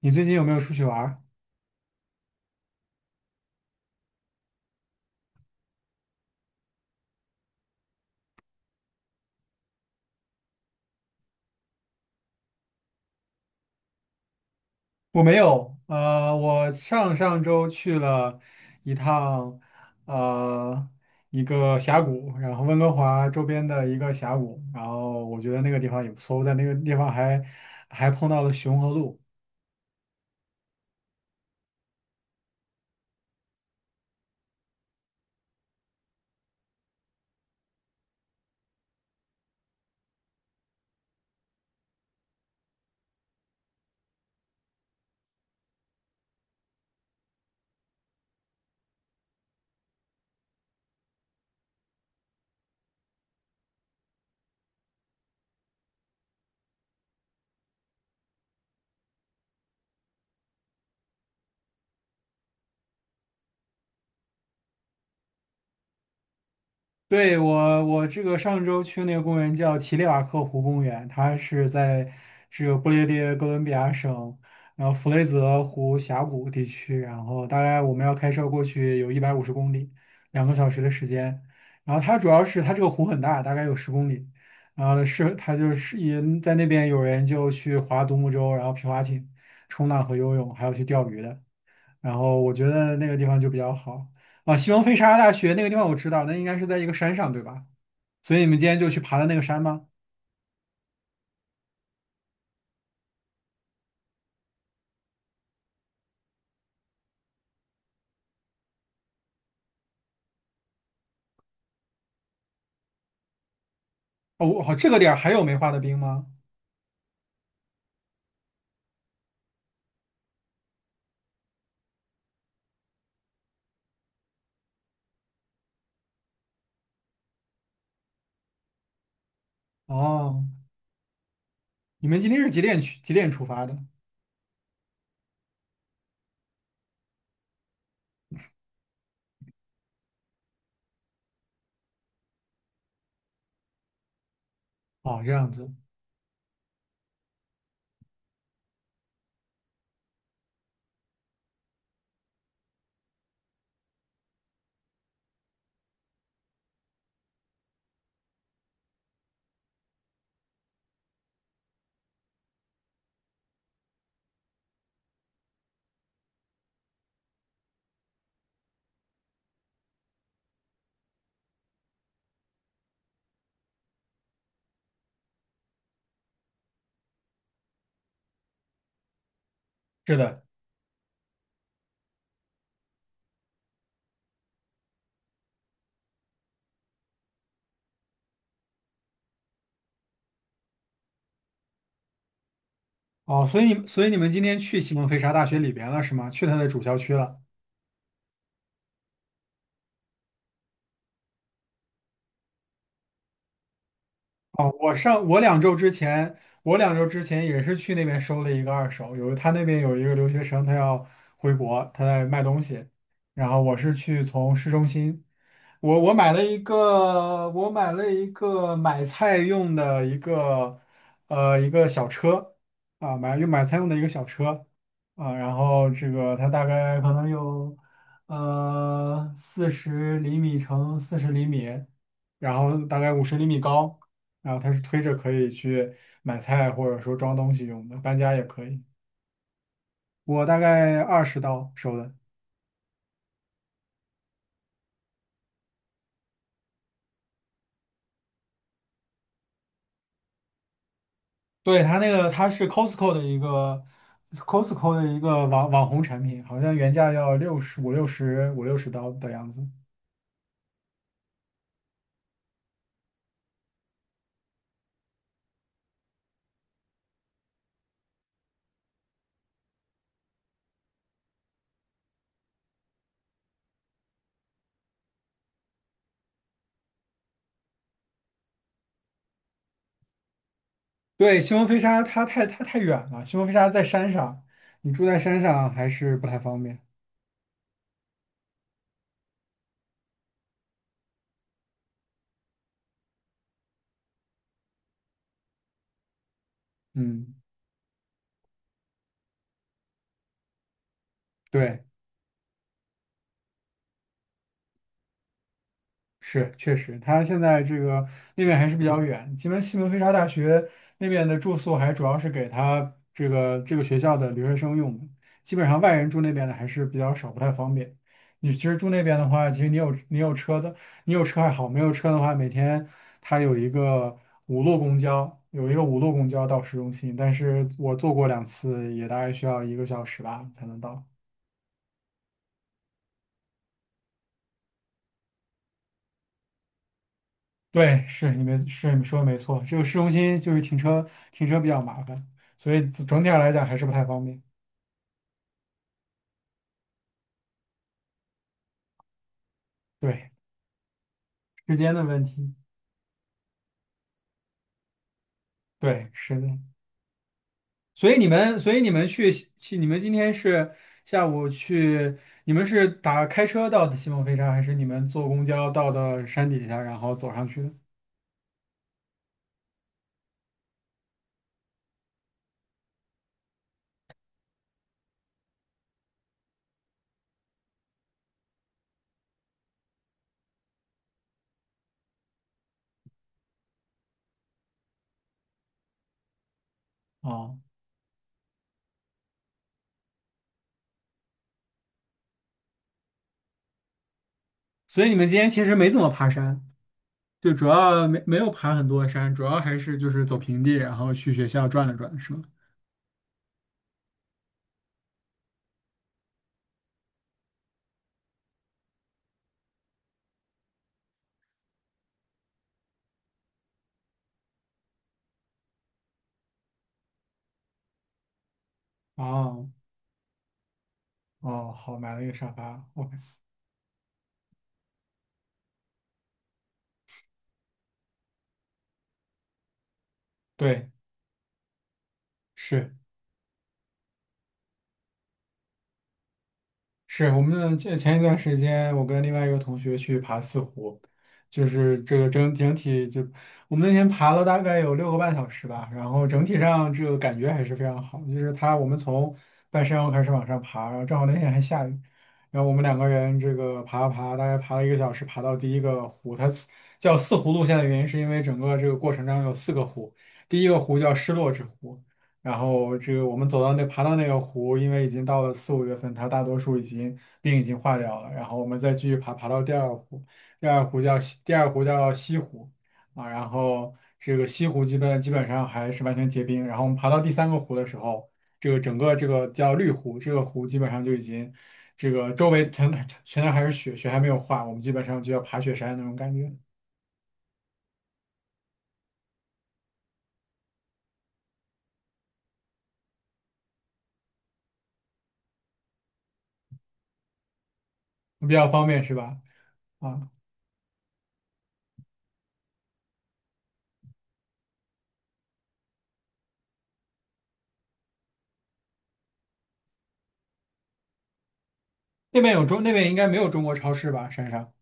你最近有没有出去玩儿？我没有，我上上周去了一趟，呃，一个峡谷，然后温哥华周边的一个峡谷，然后我觉得那个地方也不错，我在那个地方还碰到了熊和鹿。对，我这个上周去那个公园叫奇列瓦克湖公园，它是在这个不列颠哥伦比亚省，然后弗雷泽湖峡谷地区，然后大概我们要开车过去有150公里，2个小时的时间。然后它主要是它这个湖很大，大概有十公里，然后是它就是也在那边有人就去划独木舟，然后皮划艇、冲浪和游泳，还有去钓鱼的。然后我觉得那个地方就比较好啊。西蒙菲沙拉大学那个地方我知道，那应该是在一个山上，对吧？所以你们今天就去爬的那个山吗？哦，我好，这个点儿还有没化的冰吗？哦，你们今天是几点去？几点出发的？哦，这样子。是的。哦，所以你们今天去西蒙菲沙大学里边了是吗？去它的主校区了。哦，我两周之前，也是去那边收了一个二手，有他那边有一个留学生，他要回国，他在卖东西，然后我是去从市中心。我买了一个，买菜用的一个，一个小车，啊，买菜用的一个小车，啊，然后这个它大概可能有，40厘米乘40厘米，然后大概50厘米高，然后它是推着可以去买菜或者说装东西用的，搬家也可以。我大概20刀收的。对，它那个它是 Costco 的一个 网红产品，好像原价要60刀的样子。对，西蒙飞沙它太远了，西蒙飞沙在山上，你住在山上还是不太方便。嗯。对。是，确实，他现在这个那边还是比较远，西门菲沙大学那边的住宿还主要是给他这个学校的留学生用的，基本上外人住那边的还是比较少，不太方便。你其实住那边的话，其实你有车的，你有车还好，没有车的话，每天他有一个五路公交，到市中心，但是我坐过2次，也大概需要一个小时吧才能到。对，是你没是你说的没错，这个市中心就是停车比较麻烦，所以整体上来讲还是不太方便。对，时间的问题。对，是的。所以你们，去，你们今天是下午去，你们是打开车到的西蒙飞沙，还是你们坐公交到的山底下，然后走上去的？哦，所以你们今天其实没怎么爬山，就主要没有爬很多山，主要还是就是走平地，然后去学校转了转，是吗？哦。哦，好，买了一个沙发。OK。对，是是，我们前一段时间，我跟另外一个同学去爬四湖，就是这个整体就我们那天爬了大概有6个半小时吧，然后整体上这个感觉还是非常好。就是他，我们从半山腰开始往上爬，然后正好那天还下雨，然后我们两个人这个爬啊爬，大概爬了一个小时，爬到第一个湖，叫四湖路线的原因是因为整个这个过程中有四个湖，第一个湖叫失落之湖。然后这个我们走到那爬到那个湖，因为已经到了4、5月份，它大多数冰已经化掉了。然后我们再继续爬，爬到第二湖，第二湖叫西湖啊。然后这个西湖基本上还是完全结冰。然后我们爬到第三个湖的时候，这个整个这个叫绿湖，这个湖基本上就已经这个周围全都还是雪，雪还没有化，我们基本上就要爬雪山那种感觉，比较方便是吧？啊，那边应该没有中国超市吧？山上，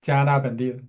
加拿大本地的。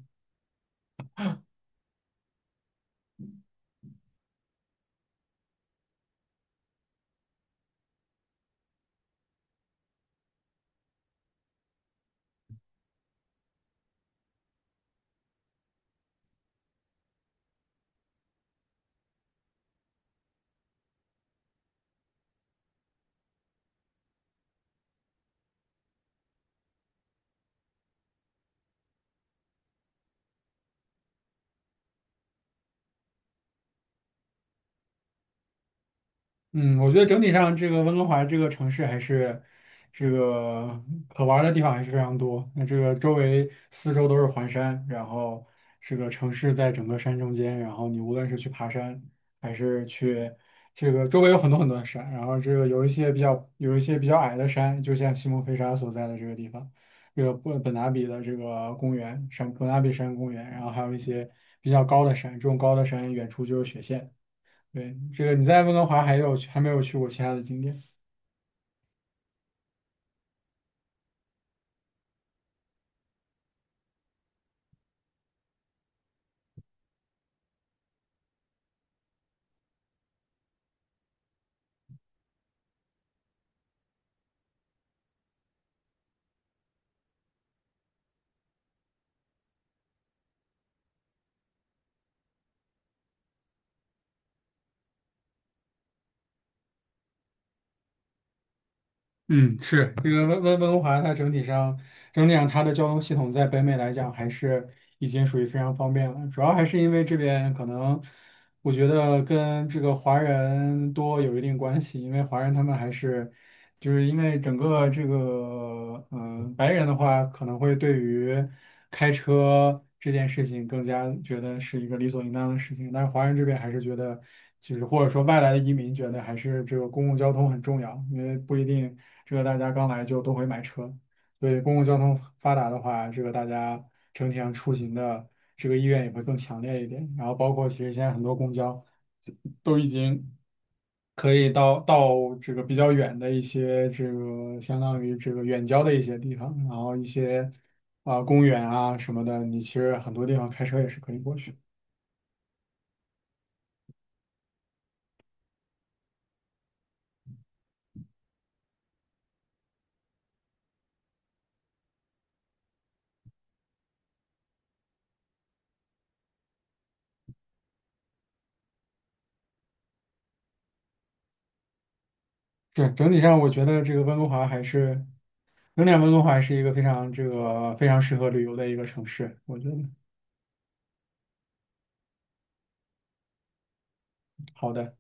嗯，我觉得整体上这个温哥华这个城市还是这个可玩儿的地方还是非常多。那这个周围四周都是环山，然后这个城市在整个山中间，然后你无论是去爬山还是去这个周围有很多很多的山，然后这个有一些比较矮的山，就像西蒙菲沙所在的这个地方，这个本拿比的这个公园山本拿比山公园，然后还有一些比较高的山，这种高的山远处就是雪线。对，这个你在温哥华还有还没有去过其他的景点？嗯，是，这个温哥华，它整体上它的交通系统在北美来讲还是已经属于非常方便了，主要还是因为这边可能。我觉得跟这个华人多有一定关系，因为华人他们还是，就是因为整个这个，嗯、白人的话可能会对于开车这件事情更加觉得是一个理所应当的事情，但是华人这边还是觉得，就是或者说外来的移民觉得还是这个公共交通很重要，因为不一定这个大家刚来就都会买车。对，公共交通发达的话，这个大家整体上出行的这个意愿也会更强烈一点。然后包括其实现在很多公交都已经可以到这个比较远的一些这个相当于这个远郊的一些地方，然后一些啊、公园啊什么的，你其实很多地方开车也是可以过去。对，整体上，我觉得这个温哥华还是仍点温哥华是一个非常适合旅游的一个城市，我觉得好的。